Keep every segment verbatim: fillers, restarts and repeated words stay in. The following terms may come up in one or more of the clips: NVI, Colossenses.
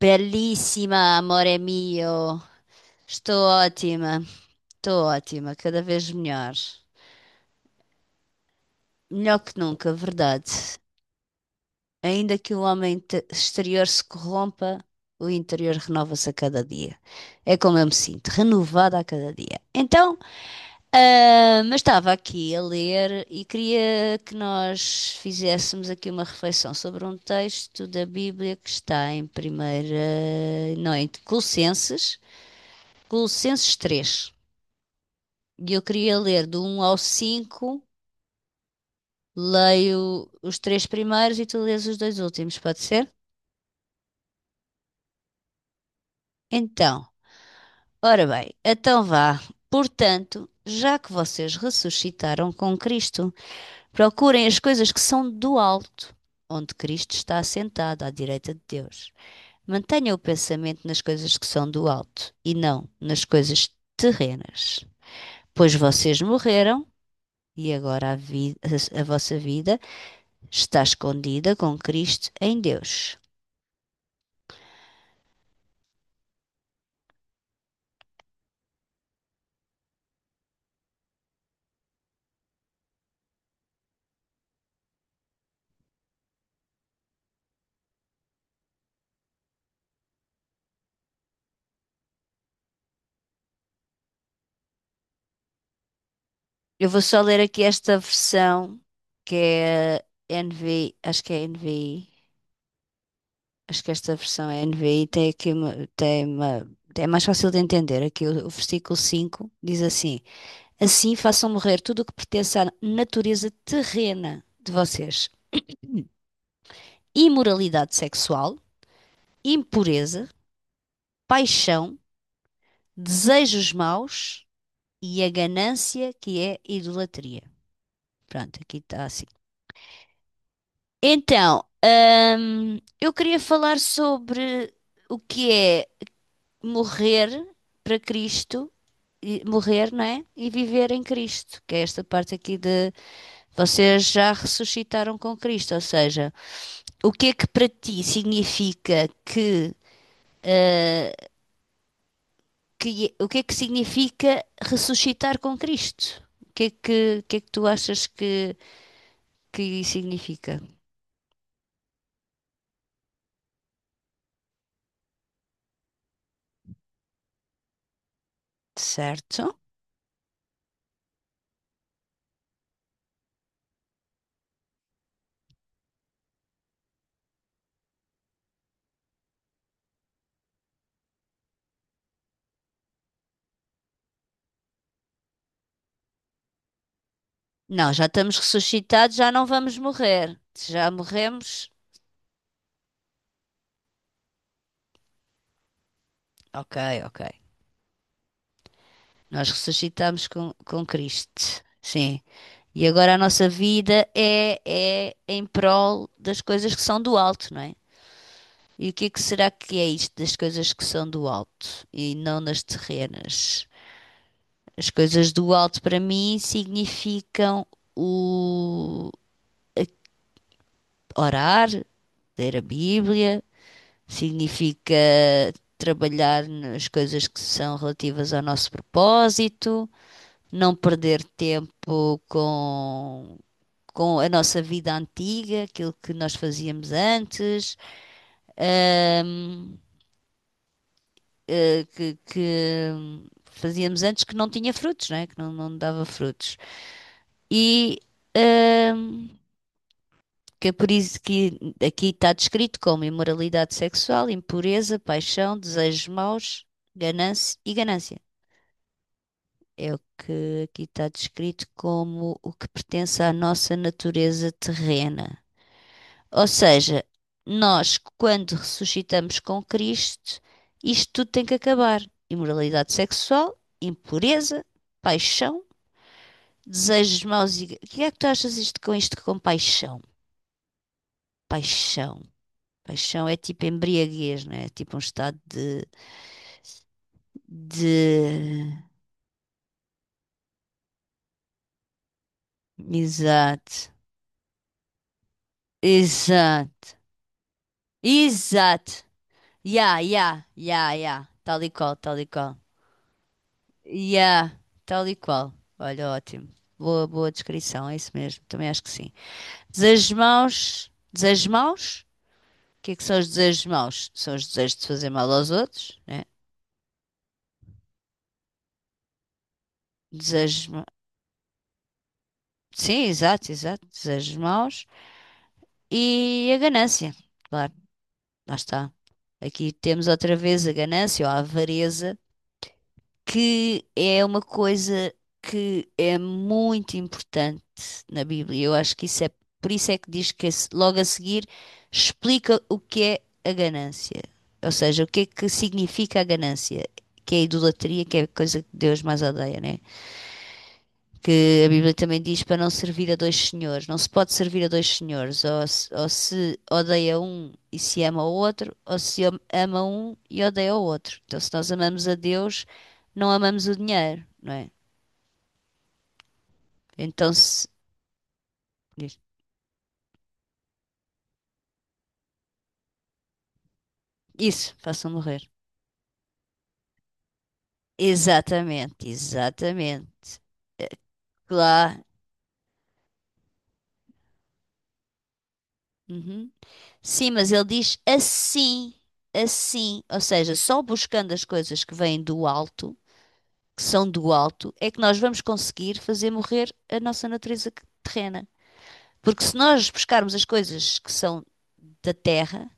Belíssima, amore mio. Estou ótima, estou ótima, cada vez melhor. Melhor que nunca, verdade. Ainda que o homem te- exterior se corrompa, o interior renova-se a cada dia. É como eu me sinto, renovada a cada dia. Então, ah, mas estava aqui a ler e queria que nós fizéssemos aqui uma reflexão sobre um texto da Bíblia que está em primeira, não, em Colossenses, Colossenses três. E eu queria ler do um ao cinco, leio os três primeiros e tu lês os dois últimos, pode ser? Então, ora bem, então vá. Portanto, já que vocês ressuscitaram com Cristo, procurem as coisas que são do alto, onde Cristo está assentado à direita de Deus. Mantenha o pensamento nas coisas que são do alto e não nas coisas terrenas, pois vocês morreram e agora a vi- a a vossa vida está escondida com Cristo em Deus. Eu vou só ler aqui esta versão que é a N V I, acho que é a N V I, acho que esta versão é a N V I, tem aqui uma, tem uma, é mais fácil de entender. Aqui o, o versículo cinco diz assim: Assim façam morrer tudo o que pertence à natureza terrena de vocês: imoralidade sexual, impureza, paixão, desejos maus e a ganância, que é idolatria. Pronto, aqui está assim. Então, hum, eu queria falar sobre o que é morrer para Cristo, e- morrer, não é? E viver em Cristo, que é esta parte aqui de vocês já ressuscitaram com Cristo, ou seja, o que é que para ti significa que, eh, que- é, o que é que significa ressuscitar com Cristo? O que é que, o que é que tu achas que, que significa? Certo? Não, já estamos ressuscitados, já não vamos morrer. Se já morremos, ok, ok. Nós ressuscitamos com, com Cristo, sim. E agora a nossa vida é, é em prol das coisas que são do alto, não é? E o que é que será que é isto das coisas que são do alto e não das terrenas? As coisas do alto para mim significam o orar, ler a Bíblia, significa trabalhar nas coisas que são relativas ao nosso propósito, não perder tempo com, com a nossa vida antiga, aquilo que nós fazíamos antes, hum, eh, que, que fazíamos antes, que não tinha frutos, não é? Que não, não dava frutos. E hum, que é por isso que aqui está descrito como imoralidade sexual, impureza, paixão, desejos maus, ganância e ganância. É o que aqui está descrito como o que pertence à nossa natureza terrena. Ou seja, nós, quando ressuscitamos com Cristo, isto tudo tem que acabar. Imoralidade sexual, impureza, paixão, desejos maus e... O que é que tu achas isto com isto com paixão? Paixão. Paixão é tipo embriaguez, não é? É tipo um estado de, de... Exato. Exato. Exato. Ya, ya, ya, ya. Tal e qual, tal e qual. Ya, tal e qual. Olha, ótimo. Boa, boa descrição, é isso mesmo. Também acho que sim. Desejos maus. Desejos maus? O que é que são os desejos maus? São os desejos de fazer mal aos outros, né? Desejos. ma- Sim, exato, exato. Desejos maus. E a ganância, claro. Lá está. Aqui temos outra vez a ganância ou a avareza, que é uma coisa que é muito importante na Bíblia. Eu acho que isso é, por isso é que diz que esse- logo a seguir explica o que é a ganância. Ou seja, o que é que significa a ganância, que é a idolatria, que é a coisa que Deus mais odeia, né? Que a Bíblia também diz para não servir a dois senhores. Não se pode servir a dois senhores, ou se, ou se odeia um e se ama o outro, ou se ama um e odeia o outro. Então, se nós amamos a Deus, não amamos o dinheiro, não é? Então, se... Isso, façam morrer. Exatamente, exatamente. Claro. Uhum. Sim, mas ele diz assim, assim, ou seja, só buscando as coisas que vêm do alto, que são do alto, é que nós vamos conseguir fazer morrer a nossa natureza terrena. Porque se nós buscarmos as coisas que são da terra,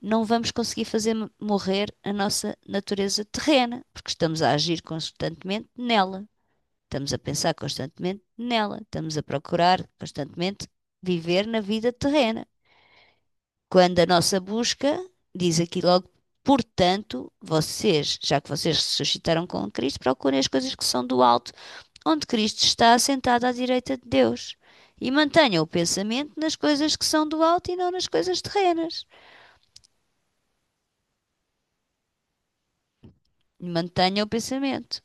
não vamos conseguir fazer mo- morrer a nossa natureza terrena, porque estamos a agir constantemente nela, estamos a pensar constantemente nela, estamos a procurar constantemente viver na vida terrena. Quando a nossa busca, diz aqui logo, portanto, vocês, já que vocês ressuscitaram com Cristo, procurem as coisas que são do alto, onde Cristo está assentado à direita de Deus. E mantenha o pensamento nas coisas que são do alto e não nas coisas terrenas. Mantenha o pensamento.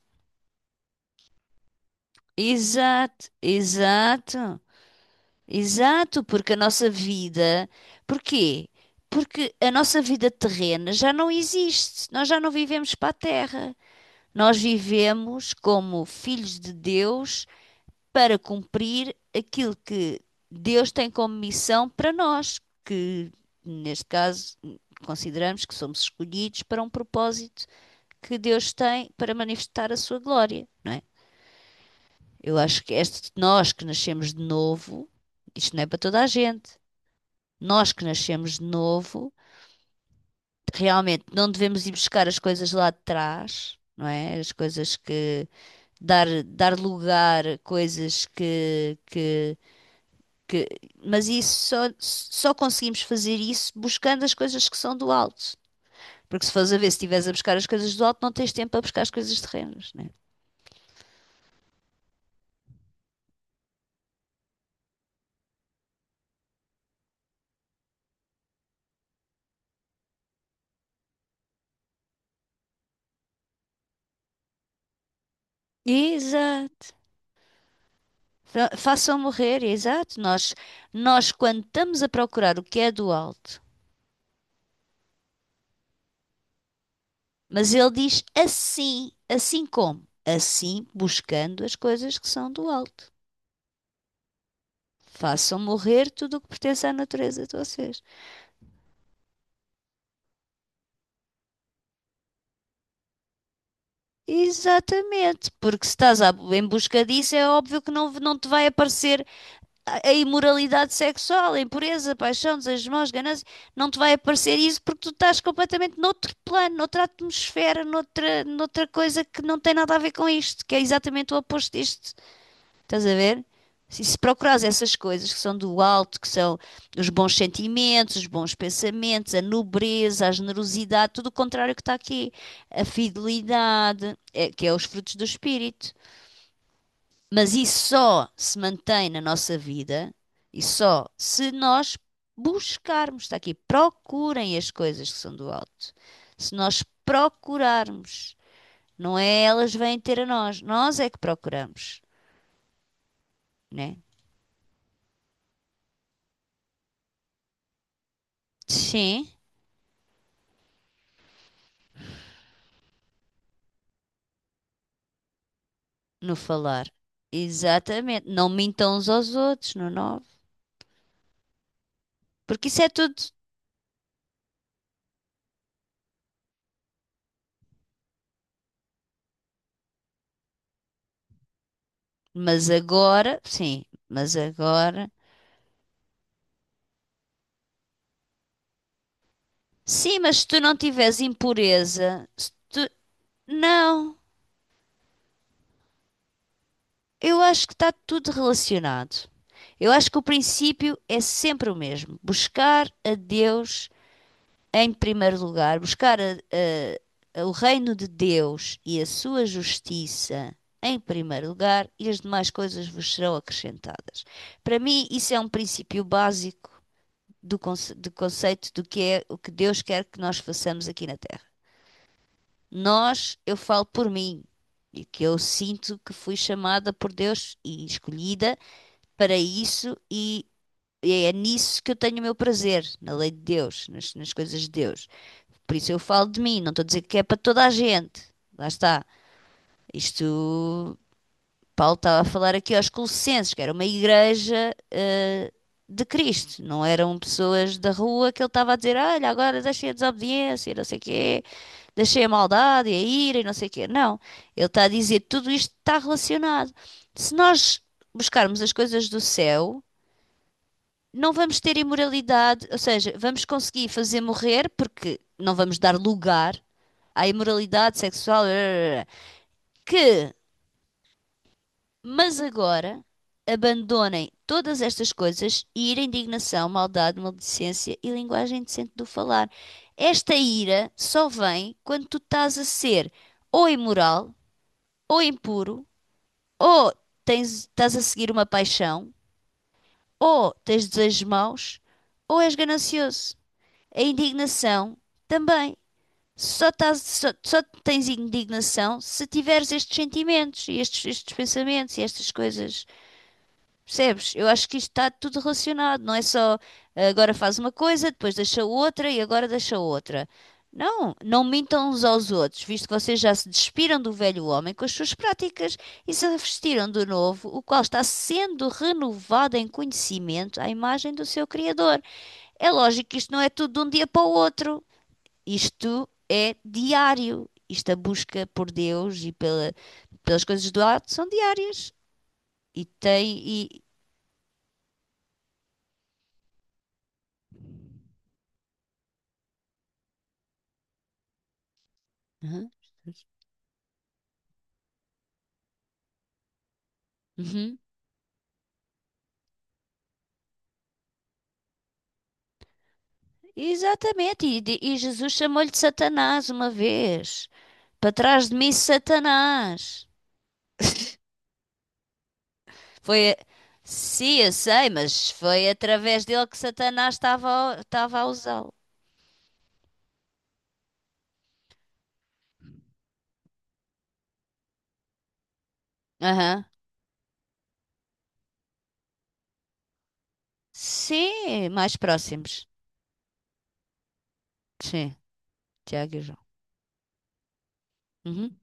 Exato, exato, exato, porque a nossa vida. Porquê? Porque a nossa vida terrena já não existe. Nós já não vivemos para a terra. Nós vivemos como filhos de Deus para cumprir aquilo que Deus tem como missão para nós, que neste caso consideramos que somos escolhidos para um propósito que Deus tem para manifestar a sua glória, não é? Eu acho que este, nós que nascemos de novo, isto não é para toda a gente. Nós que nascemos de novo, realmente não devemos ir buscar as coisas lá de trás, não é? As coisas que dar dar lugar a coisas que que que- mas isso só, só conseguimos fazer isso buscando as coisas que são do alto. Porque se fores a ver, se estiveres a buscar as coisas do alto, não tens tempo para buscar as coisas terrenas, né? Exato. Fa- Façam morrer, exato. Nós, nós, quando estamos a procurar o que é do alto, mas ele diz assim, assim como? Assim, buscando as coisas que são do alto. Façam morrer tudo o que pertence à natureza de vocês. Exatamente, porque se estás à- em busca disso, é óbvio que não, não te vai aparecer a, a imoralidade sexual, a impureza, a paixão, desejos maus, ganância, não te vai aparecer isso porque tu estás completamente noutro plano, noutra atmosfera, noutra, noutra coisa que não tem nada a ver com isto, que é exatamente o oposto disto. Estás a ver? Se se procurares essas coisas que são do alto, que são os bons sentimentos, os bons pensamentos, a nobreza, a generosidade, tudo o contrário que está aqui. A fidelidade, é- que é os frutos do espírito. Mas isso só se mantém na nossa vida e só se nós buscarmos. Está aqui, procurem as coisas que são do alto. Se nós procurarmos, não é elas vêm ter a nós, nós é que procuramos, né? Sim. No falar. Exatamente. Não mintam uns aos outros, no nove. Porque isso é tudo. Mas agora, sim, mas agora. Sim, mas se tu não tiveres impureza, se tu... não. Eu acho que está tudo relacionado. Eu acho que o princípio é sempre o mesmo: buscar a Deus em primeiro lugar, buscar a- a- a, o reino de Deus e a sua justiça em primeiro lugar, e as demais coisas vos serão acrescentadas. Para mim, isso é um princípio básico do, conce- do conceito do que é o que Deus quer que nós façamos aqui na Terra. Nós, eu falo por mim, e que eu sinto que fui chamada por Deus e escolhida para isso, e é nisso que eu tenho o meu prazer, na lei de Deus, nas nas coisas de Deus. Por isso eu falo de mim, não estou a dizer que é para toda a gente. Lá está. Isto, Paulo estava a falar aqui aos Colossenses, que era uma igreja de Cristo, não eram pessoas da rua que ele estava a dizer, olha, agora deixei a desobediência, e não sei o quê, deixei a maldade e a ira e não sei o quê. Não, ele está a dizer, tudo isto está relacionado. Se nós buscarmos as coisas do céu, não vamos ter imoralidade, ou seja, vamos conseguir fazer morrer, porque não vamos dar lugar à imoralidade sexual, eh, que, mas agora, abandonem todas estas coisas e ira, indignação, maldade, maledicência e linguagem indecente do falar. Esta ira só vem quando tu estás a ser ou imoral, ou impuro, ou tens, estás a seguir uma paixão, ou tens desejos maus, ou és ganancioso. A indignação também. Só, tás- só, só tens indignação se tiveres estes sentimentos e estes, estes pensamentos e estas coisas. Percebes? Eu acho que isto está tudo relacionado. Não é só ah, agora faz uma coisa, depois deixa outra e agora deixa outra. Não, não mintam uns aos outros, visto que vocês já se despiram do velho homem com as suas práticas e se vestiram do novo, o qual está sendo renovado em conhecimento à imagem do seu Criador. É lógico que isto não é tudo de um dia para o outro. Isto é diário. Isto a busca por Deus e pela, pelas coisas do alto são diárias. E tem. E, Uhum. Uhum. Exatamente. E, de- e Jesus chamou-lhe de Satanás uma vez. Para trás de mim, Satanás. Foi. a- Sim, eu sei, mas foi através dele que Satanás estava, a- estava a usá-lo. Aham. Sim, mais próximos. Sim, Tiago e João. Uhum.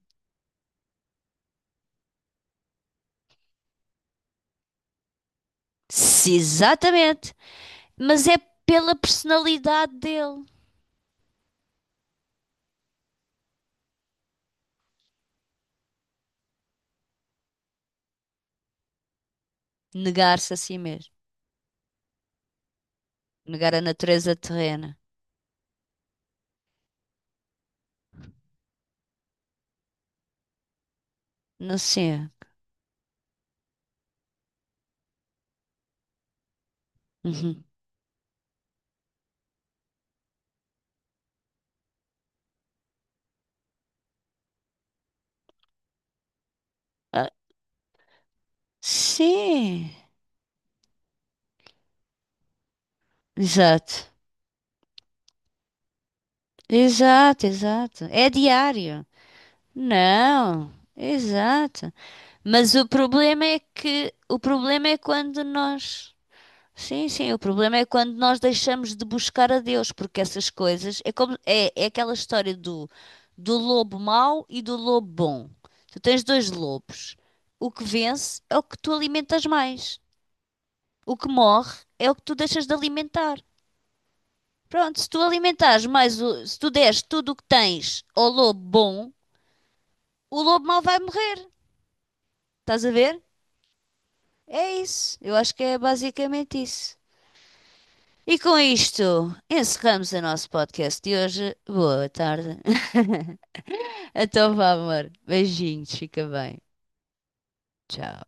Sim, exatamente. Mas é pela personalidade dele. Negar-se a si mesmo. Negar a natureza terrena. Não sei. Uhum. Ah, sim. Exato. Exato, exato. É diário. Não. Exato. Mas o problema é que o problema é quando nós Sim, sim, o problema é quando nós deixamos de buscar a Deus, porque essas coisas é como é, é aquela história do, do lobo mau e do lobo bom. Tu tens dois lobos. O que vence é o que tu alimentas mais. O que morre é o que tu deixas de alimentar. Pronto, se tu alimentares mais, o- se tu deres tudo o que tens ao lobo bom, o lobo mau vai morrer. Estás a ver? É isso. Eu acho que é basicamente isso. E com isto, encerramos o nosso podcast de hoje. Boa tarde. Então vá, amor. Beijinhos, fica bem. Tchau.